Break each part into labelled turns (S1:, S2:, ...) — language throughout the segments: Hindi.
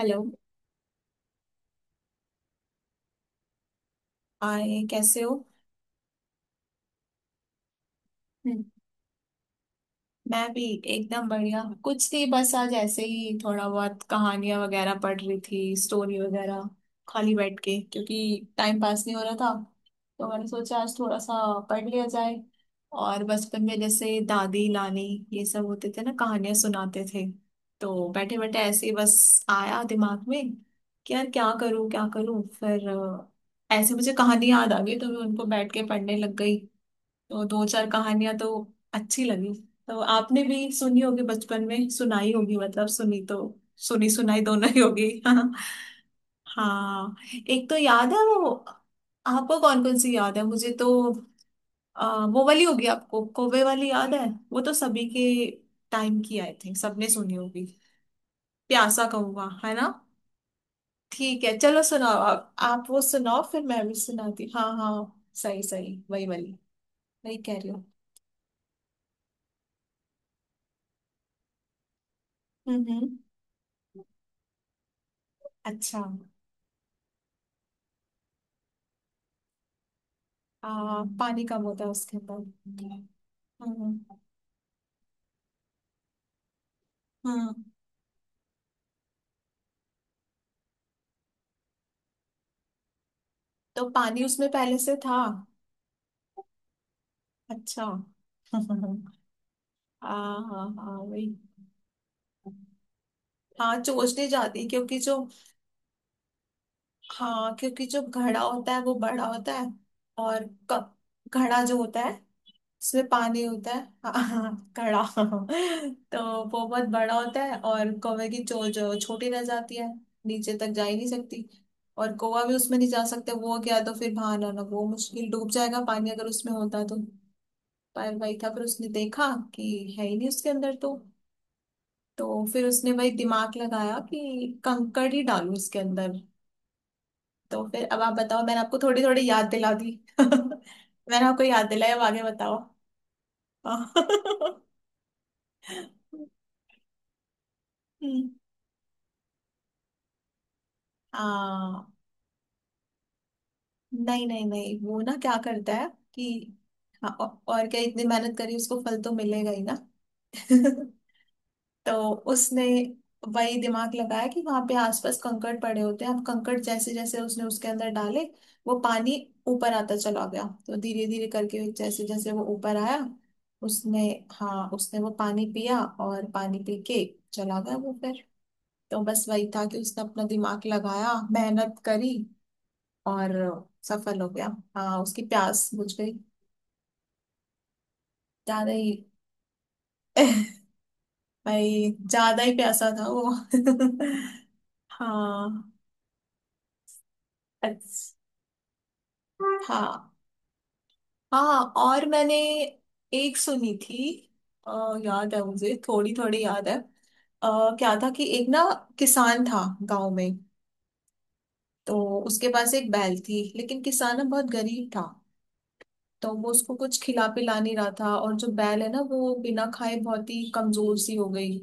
S1: हेलो। आए कैसे हो? हम्म, मैं भी एकदम बढ़िया। कुछ नहीं, बस आज ऐसे ही थोड़ा बहुत कहानियां वगैरह पढ़ रही थी, स्टोरी वगैरह। खाली बैठ के, क्योंकि टाइम पास नहीं हो रहा था, तो मैंने सोचा आज थोड़ा सा पढ़ लिया जाए। और बचपन में जैसे दादी नानी ये सब होते थे ना, कहानियां सुनाते थे। तो बैठे बैठे ऐसे ही बस आया दिमाग में कि यार क्या करूं क्या करूं, फिर ऐसे मुझे कहानी याद आ गई, तो मैं उनको बैठ के पढ़ने लग गई। तो दो चार कहानियां तो अच्छी लगी। तो आपने भी सुनी होगी बचपन में, सुनाई होगी, मतलब सुनी तो सुनी सुनाई दोनों ही होगी। हाँ हाँ, एक तो याद है वो। आपको कौन कौन सी याद है? मुझे तो वो वाली होगी, आपको कौवे वाली याद है? वो तो सभी के टाइम की, आई थिंक सबने सुनी होगी। प्यासा कहूंगा, है ना? ठीक है चलो सुनाओ, आप वो सुनाओ फिर मैं भी सुनाती, हाँ हाँ। सही सही, वही वाली। वही कह रही हूँ। हम्म। अच्छा। आ, पानी कम होता है उसके अंदर। हम्म हम्म। तो पानी उसमें पहले से था? अच्छा। हाँ हाँ हाँ, वही। हाँ चोंच नहीं जाती, क्योंकि जो, हाँ क्योंकि जो घड़ा होता है वो बड़ा होता है। और क- घड़ा जो होता है, इसमें पानी होता है। हाँ, हाँ, कड़ा। तो वो बहुत बड़ा होता है, और कौवे की चोंच छोटी रह जाती है, नीचे तक जा ही नहीं सकती। और कौवा भी उसमें नहीं जा सकता, वो क्या तो फिर बाहर आना वो मुश्किल, डूब जाएगा पानी अगर उसमें होता तो। पर वही था, फिर उसने देखा कि है ही नहीं उसके अंदर तो। तो फिर उसने वही दिमाग लगाया कि कंकड़ ही डालूं इसके अंदर। तो फिर अब आप बताओ, मैंने आपको थोड़ी थोड़ी याद दिला दी। मैंने आपको याद दिलाया, अब आगे बताओ। हम्म। हाँ नहीं नहीं नहीं, वो ना क्या करता है कि, हाँ, और क्या, इतनी मेहनत करी उसको फल तो मिलेगा ही ना। तो उसने वही दिमाग लगाया कि वहां पे आसपास कंकड़ पड़े होते हैं, अब कंकड़ जैसे जैसे उसने उसके अंदर डाले, वो पानी ऊपर आता चला गया। तो धीरे धीरे करके जैसे जैसे वो ऊपर आया, उसने हाँ उसने वो पानी पिया, और पानी पी के चला गया वो फिर। तो बस वही था कि उसने अपना दिमाग लगाया, मेहनत करी और सफल हो गया। हाँ उसकी प्यास बुझ गई, ज्यादा ही। भाई ज्यादा ही प्यासा था वो। हाँ। अच्छा। हाँ हाँ, और मैंने एक सुनी थी। अ, याद है, मुझे थोड़ी थोड़ी याद है। क्या था कि एक ना किसान था गांव में। तो उसके पास एक बैल थी, लेकिन किसान ना बहुत गरीब था। तो वो उसको कुछ खिला पिला नहीं रहा था, और जो बैल है ना वो बिना खाए बहुत ही कमजोर सी हो गई,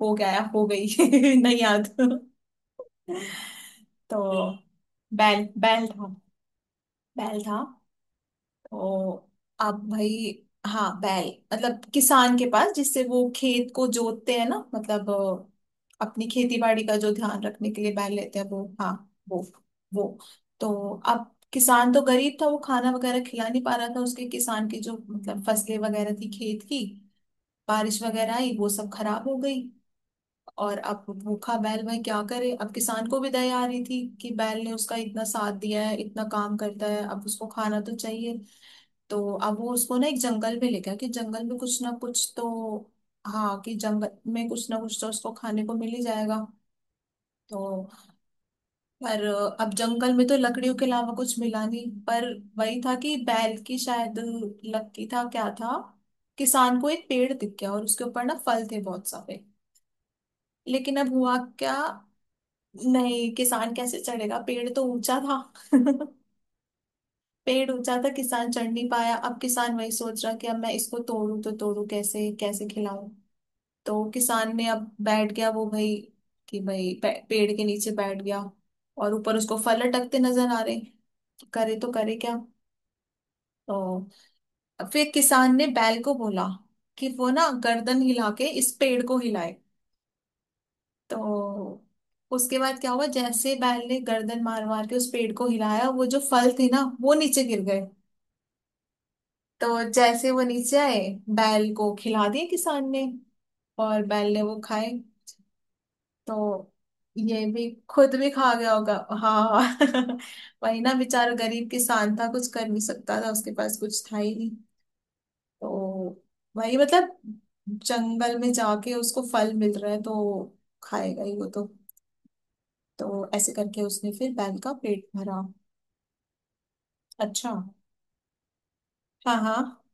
S1: हो गया या हो गई नहीं याद। तो बैल, बैल था, बैल था। तो अब भाई, हाँ बैल, मतलब किसान के पास जिससे वो खेत को जोतते हैं ना, मतलब अपनी खेती बाड़ी का जो ध्यान रखने के लिए बैल लेते हैं वो, हाँ वो, वो। तो अब किसान तो गरीब था, वो खाना वगैरह खिला नहीं पा रहा था। उसके किसान की जो मतलब फसलें वगैरह थी खेत की, बारिश वगैरह आई वो सब खराब हो गई। और अब भूखा बैल, वह क्या करे, अब किसान को भी दया आ रही थी कि बैल ने उसका इतना साथ दिया है, इतना काम करता है, अब उसको खाना तो चाहिए। तो अब वो उसको ना एक जंगल में ले गया कि जंगल में कुछ ना कुछ तो, हाँ कि जंगल में कुछ ना कुछ तो उसको खाने को मिल ही जाएगा। तो, पर, अब जंगल में तो लकड़ियों के अलावा कुछ मिला नहीं, पर वही था कि बैल की शायद, लकी था क्या था, किसान को एक पेड़ दिख गया और उसके ऊपर ना फल थे बहुत सारे। लेकिन अब हुआ क्या, नहीं किसान कैसे चढ़ेगा, पेड़ तो ऊंचा था। पेड़ ऊंचा था, किसान चढ़ नहीं पाया। अब किसान वही सोच रहा कि अब मैं इसको तोड़ू तो तोड़ू कैसे, कैसे खिलाऊं। तो किसान ने अब बैठ गया वो भाई, कि भाई पेड़ के नीचे बैठ गया, और ऊपर उसको फल लटकते नजर आ रहे, करे तो करे क्या। तो फिर किसान ने बैल को बोला कि वो ना गर्दन हिला के इस पेड़ को हिलाए। तो उसके बाद क्या हुआ, जैसे बैल ने गर्दन मार मार के उस पेड़ को हिलाया, वो जो फल थे ना वो नीचे गिर गए। तो जैसे वो नीचे आए, बैल को खिला दिए किसान ने, और बैल ने वो खाए। तो ये भी खुद भी खा गया होगा। हाँ वही ना, बेचारा गरीब किसान था, कुछ कर नहीं सकता था, उसके पास कुछ था ही नहीं। तो वही मतलब, जंगल में जाके उसको फल मिल रहा है तो खाएगा ही वो तो। तो ऐसे करके उसने फिर बैल का पेट भरा। अच्छा। हाँ हाँ।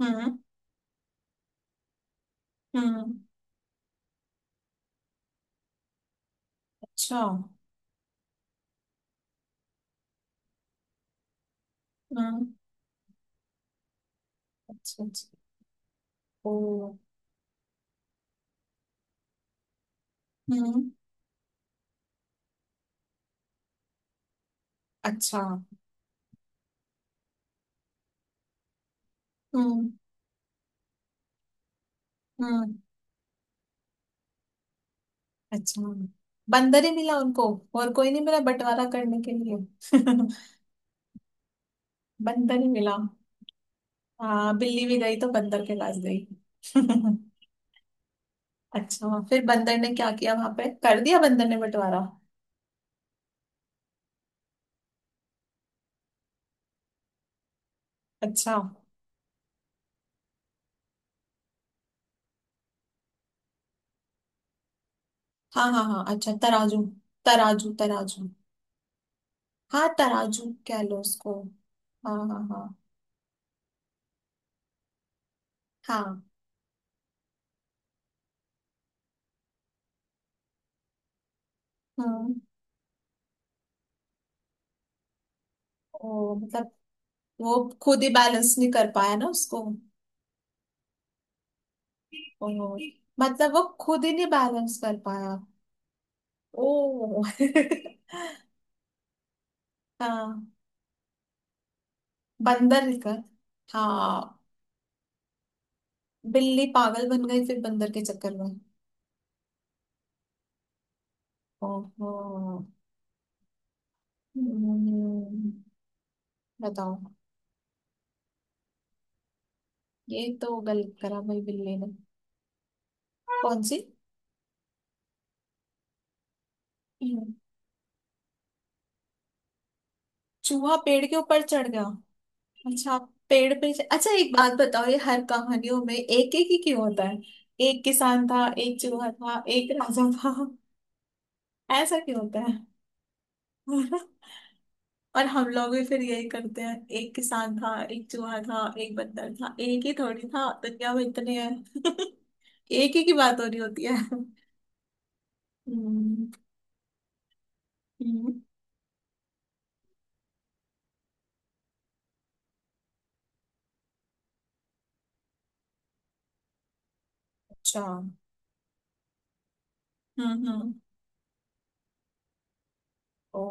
S1: हम्म हम्म। अच्छा। हम्म। अच्छा अच्छा। ओ। हम्म। अच्छा। हम्म हम्म। अच्छा, बंदर ही मिला उनको? और कोई नहीं मिला बंटवारा करने के लिए? बंदर ही मिला। हाँ बिल्ली भी गई तो बंदर के पास गई। अच्छा फिर बंदर ने क्या किया, वहां पे कर दिया बंदर ने बंटवारा? अच्छा। हाँ हाँ हाँ, अच्छा तराजू। तराजू तराजू। हाँ तराजू कह लो उसको। हाँ हाँ हाँ हाँ। हम्म। ओ मतलब वो खुद ही बैलेंस नहीं कर पाया ना उसको। ओ मतलब वो खुद ही नहीं बैलेंस कर पाया। ओ। हाँ बंदर निकल, हाँ बिल्ली पागल बन गई फिर बंदर के चक्कर में। ओहो। हम्म, बताओ। ये तो गलत करा भाई बिल्ली ने। कौन सी? हम्म, चूहा पेड़ के ऊपर चढ़ गया। अच्छा। पेड़ पे, अच्छा एक बात बताओ, ये हर कहानियों में एक एक ही क्यों होता है? एक किसान था, एक चूहा था, एक राजा था, ऐसा क्यों होता है? और हम लोग भी फिर यही करते हैं, एक किसान था, एक चूहा था, एक बंदर था। एक ही थोड़ी था दुनिया में, इतने हैं। एक ही की बात हो रही होती है। हम्म। हम्म। अच्छा। हम्म। हम्म। ओ।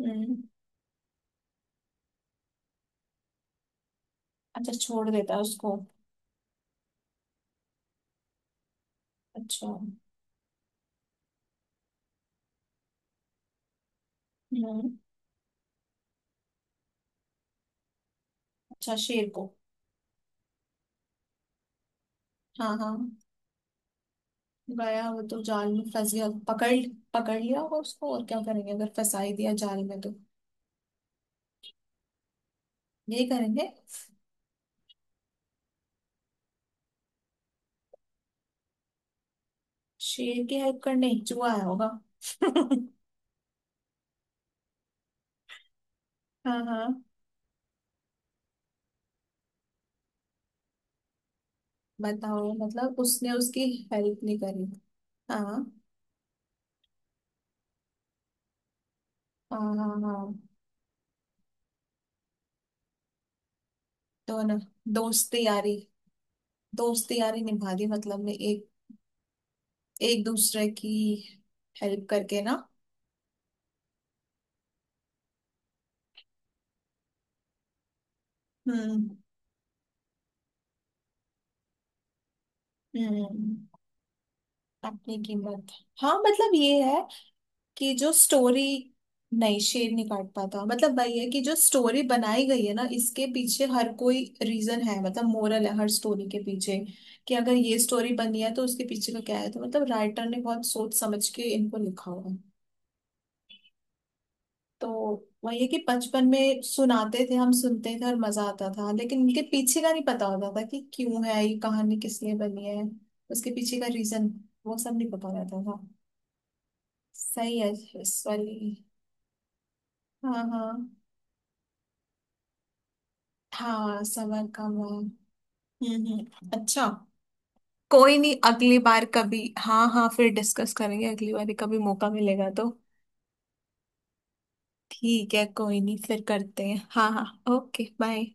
S1: हम्म, अच्छा छोड़ देता है उसको। अच्छा। हम्म। अच्छा शेर को? हाँ हाँ, गया वो तो जाल में फंस गया, पकड़ पकड़ लिया होगा उसको, और क्या करेंगे अगर फंसा ही दिया जाल में तो। यही करेंगे। शेर की हेल्प करने चूहा आया होगा। हाँ हाँ। बताओ मतलब उसने उसकी हेल्प नहीं करी। हाँ हाँ हाँ हाँ। तो ना दोस्ती यारी, दोस्ती यारी निभा दी, मतलब ने एक एक दूसरे की हेल्प करके ना। हम्म। हम्म। अपनी कीमत। हाँ मतलब ये है कि जो स्टोरी, नहीं शेर नहीं काट पाता, मतलब वही है कि जो स्टोरी बनाई गई है ना, इसके पीछे हर कोई रीजन है, मतलब मोरल है हर स्टोरी के पीछे। कि अगर ये स्टोरी बनी है तो उसके पीछे का क्या है, तो मतलब राइटर ने बहुत सोच समझ के इनको लिखा हुआ है। तो वही है कि बचपन में सुनाते थे, हम सुनते थे और मजा आता था, लेकिन इनके पीछे का नहीं पता होता था कि क्यों है ये कहानी, किस लिए बनी है। उसके पीछे का रीजन, वो सब नहीं पता रहता था। सही है। इस वाली, हाँ हाँ। हाँ सबर कम है। हम्म। अच्छा, कोई नहीं अगली बार कभी, हाँ हाँ फिर डिस्कस करेंगे अगली बार, कभी मौका मिलेगा तो। ठीक है कोई नहीं, फिर करते हैं, हाँ हाँ। Okay, bye.